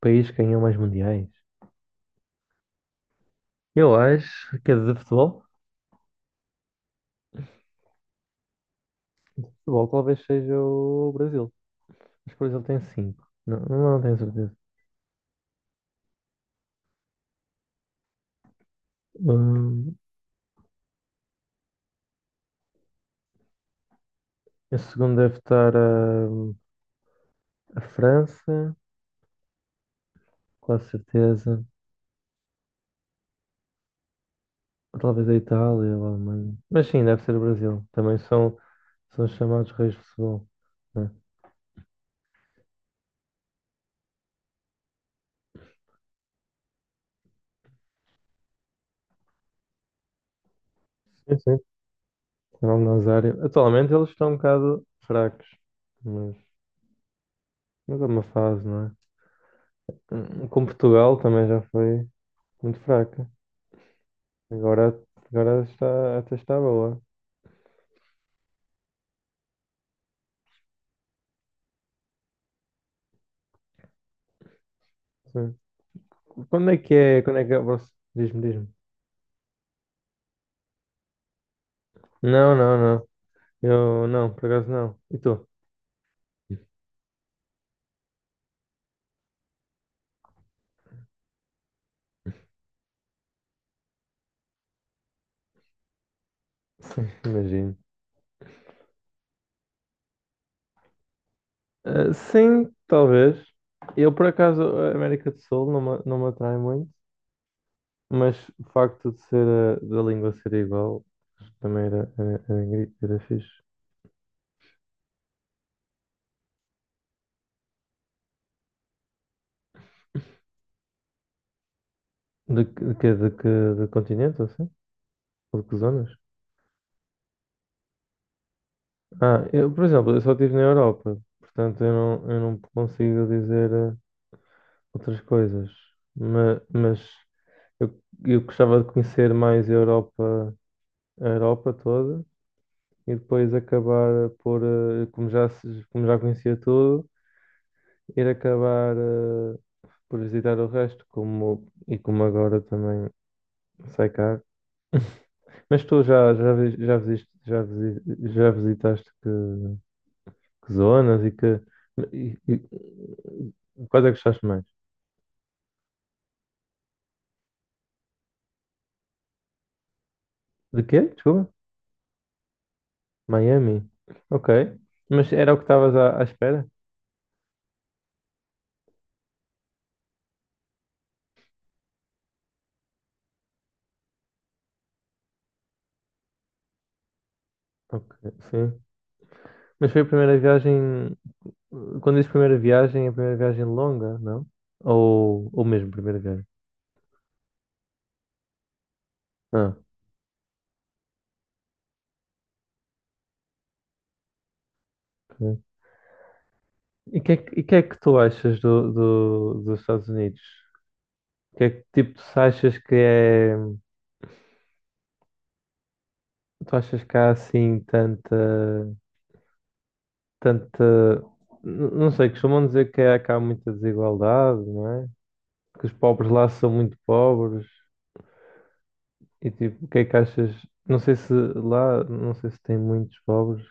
País que ganhou mais mundiais? Eu acho que é de futebol. Futebol talvez seja o Brasil. Mas o Brasil tem cinco. Não, não tenho certeza. Hum, a segunda deve estar a França, quase certeza. Ou talvez a Itália ou a Alemanha. Mas sim, deve ser o Brasil. Também são os chamados reis de futebol, né? Sim, sim. Ronaldo Nazário. Atualmente eles estão um bocado fracos. Mas, mas é uma fase, não é? Com Portugal também já foi muito fraca. Agora, agora está, até está boa. Sim. Quando é que é? Diz-me, diz-me. Não, não, não. Eu não, por acaso não. E tu? Sim, imagino. Ah, sim, talvez. Eu, por acaso, a América do Sul não me, atrai muito, mas o facto de ser da língua ser igual também era fixe. De, que- de, que, de, que, de continente, ou assim? Ou de que zonas? Ah, eu, por exemplo, eu só estive na Europa, portanto eu não, consigo dizer outras coisas. Mas, eu gostava de conhecer mais a Europa toda e depois acabar por, como já, se- como já conhecia tudo, ir acabar por visitar o resto, como, e como agora também sai caro. Mas tu já, já, vi- já, visiste, já, visi- já visitaste que zonas e que. E quais é que gostaste mais? De quê? Desculpa? Miami. Ok. Mas era o que estavas à espera? Ok, sim. Mas foi a primeira viagem. Quando diz primeira viagem, é a primeira viagem longa, não? Ou mesmo primeira viagem? Ah, ok. E que é que tu achas dos Estados Unidos? Que é que tipo tu achas que é. Tu achas que há assim tanta. Não sei, costumam dizer que há muita desigualdade, não é? Que os pobres lá são muito pobres. E tipo, o que é que achas? Não sei se tem muitos pobres.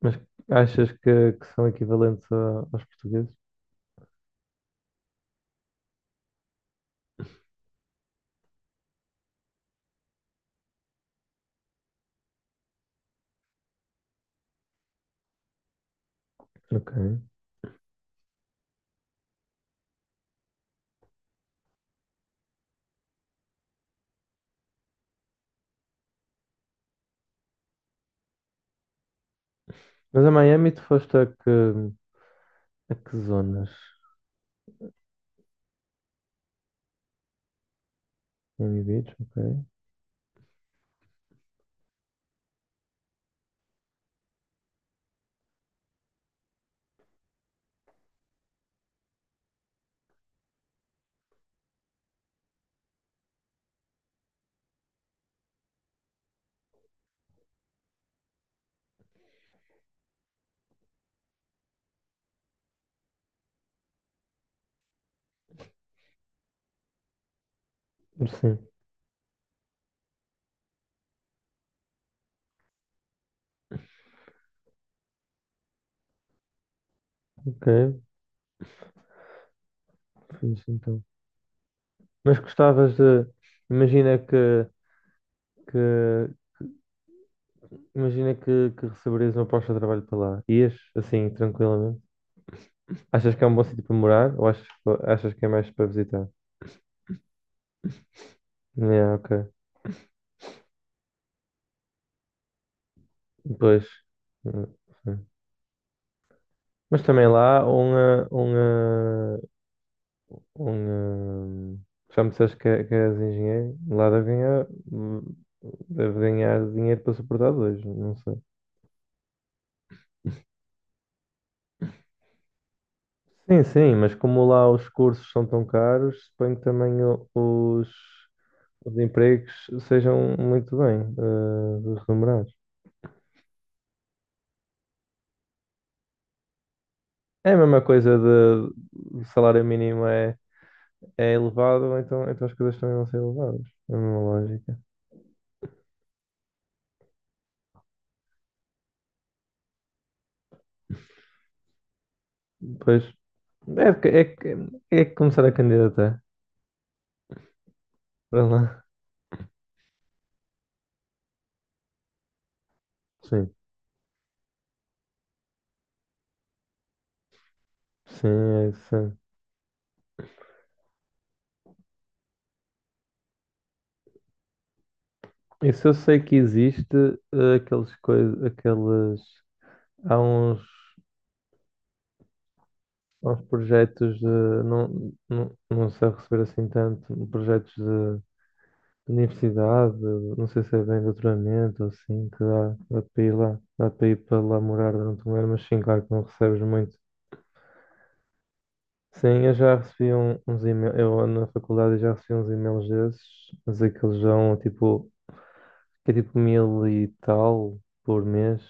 Mas achas que são equivalentes aos portugueses? Ok. Mas a Miami tu foste a que, zonas? Miami Beach, ok. Sim, ok. Fiz então. Mas gostavas de... Imagina que, que, imagina que receberias uma proposta de trabalho para lá. Ias, assim, tranquilamente? Achas que é um bom sítio para morar ou achas que é mais para visitar? É, ok. Depois... Mas também lá, Um, hum, já me disseste que és engenheiro, lá hum, deve ganhar dinheiro para suportar dois, não sei. Sim, sim, mas como lá os cursos são tão caros, suponho que também os empregos sejam muito bem remunerados. É a mesma coisa de o salário mínimo é elevado, então as coisas também vão ser elevadas. É a mesma lógica. Pois é, que- é, que- é que começar a candidatar para lá. Sim. Sim, é isso. É. Isso eu sei que existe, aqueles coisas, aqueles, há uns, há uns projetos de, não, não, não sei receber assim tanto, projetos de universidade, não sei se é bem doutoramento, ou assim, que dá para ir lá, dá para ir para lá morar durante um ano, mas sim, claro que não recebes muito. Sim, eu já recebi uns e-mails, eu na faculdade já recebi uns e-mails desses, mas aqueles já tipo, que é tipo mil e tal por mês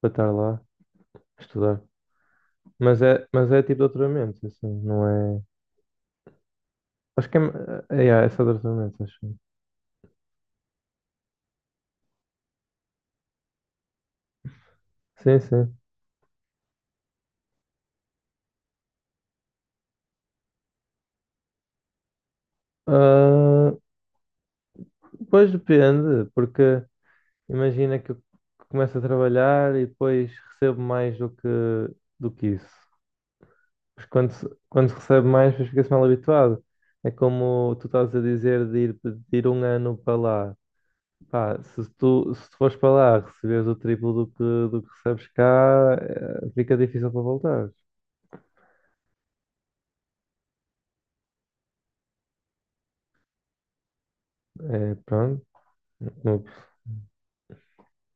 para estar lá a estudar. Mas é tipo doutoramento, assim, não é. Acho que é só doutoramento, acho. Sim, sim. Ah, pois depende, porque imagina que eu começo a trabalhar e depois recebo mais do que isso. Mas quando se recebe mais, depois fica-se mal habituado. É como tu estás a dizer de ir, um ano para lá. Pá, se tu fores para lá receberes o triplo do que recebes cá, fica difícil para voltar. É, pronto, uma,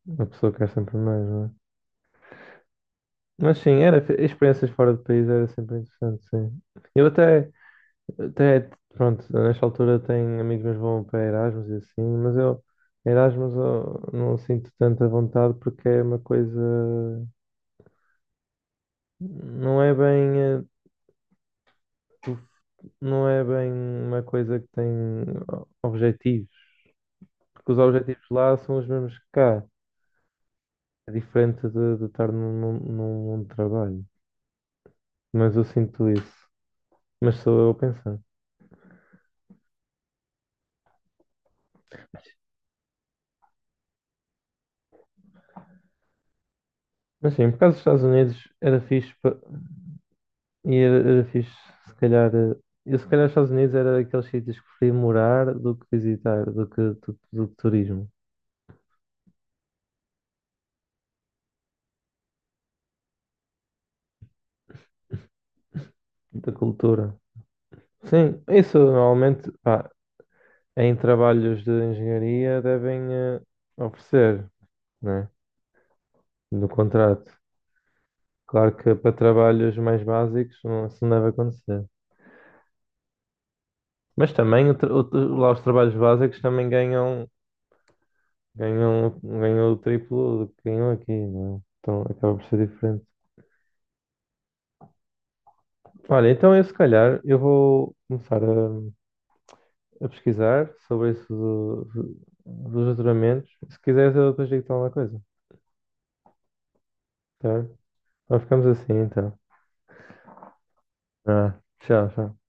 uma pessoa quer sempre mais, não é? Mas sim, experiências fora do país era sempre interessante, sim. Eu até, pronto, nesta altura tenho amigos meus que vão para Erasmus e assim, mas eu, Erasmus eu não sinto tanta vontade porque é uma coisa, não é tu- bem uma coisa que tem objetivo. Porque os objetivos lá são os mesmos que cá. É diferente de estar num mundo de trabalho. Mas eu sinto isso. Mas sou eu a pensar. Mas sim, por causa dos Estados Unidos era fixe e era fixe se calhar. Eu se calhar os Estados Unidos era daqueles sítios que preferia morar do que visitar, do que turismo, da cultura. Sim, isso normalmente pá, em trabalhos de engenharia devem oferecer, né? No contrato. Claro que para trabalhos mais básicos não, isso não deve acontecer. Mas também lá os trabalhos básicos também ganham o triplo do que ganham aqui, não é? Então acaba por ser diferente. Olha, então eu se calhar eu vou começar a pesquisar sobre isso dos juramentos. Se quiseres eu depois digo-te alguma coisa, tá? Então ficamos assim então. Ah, tchau, tchau.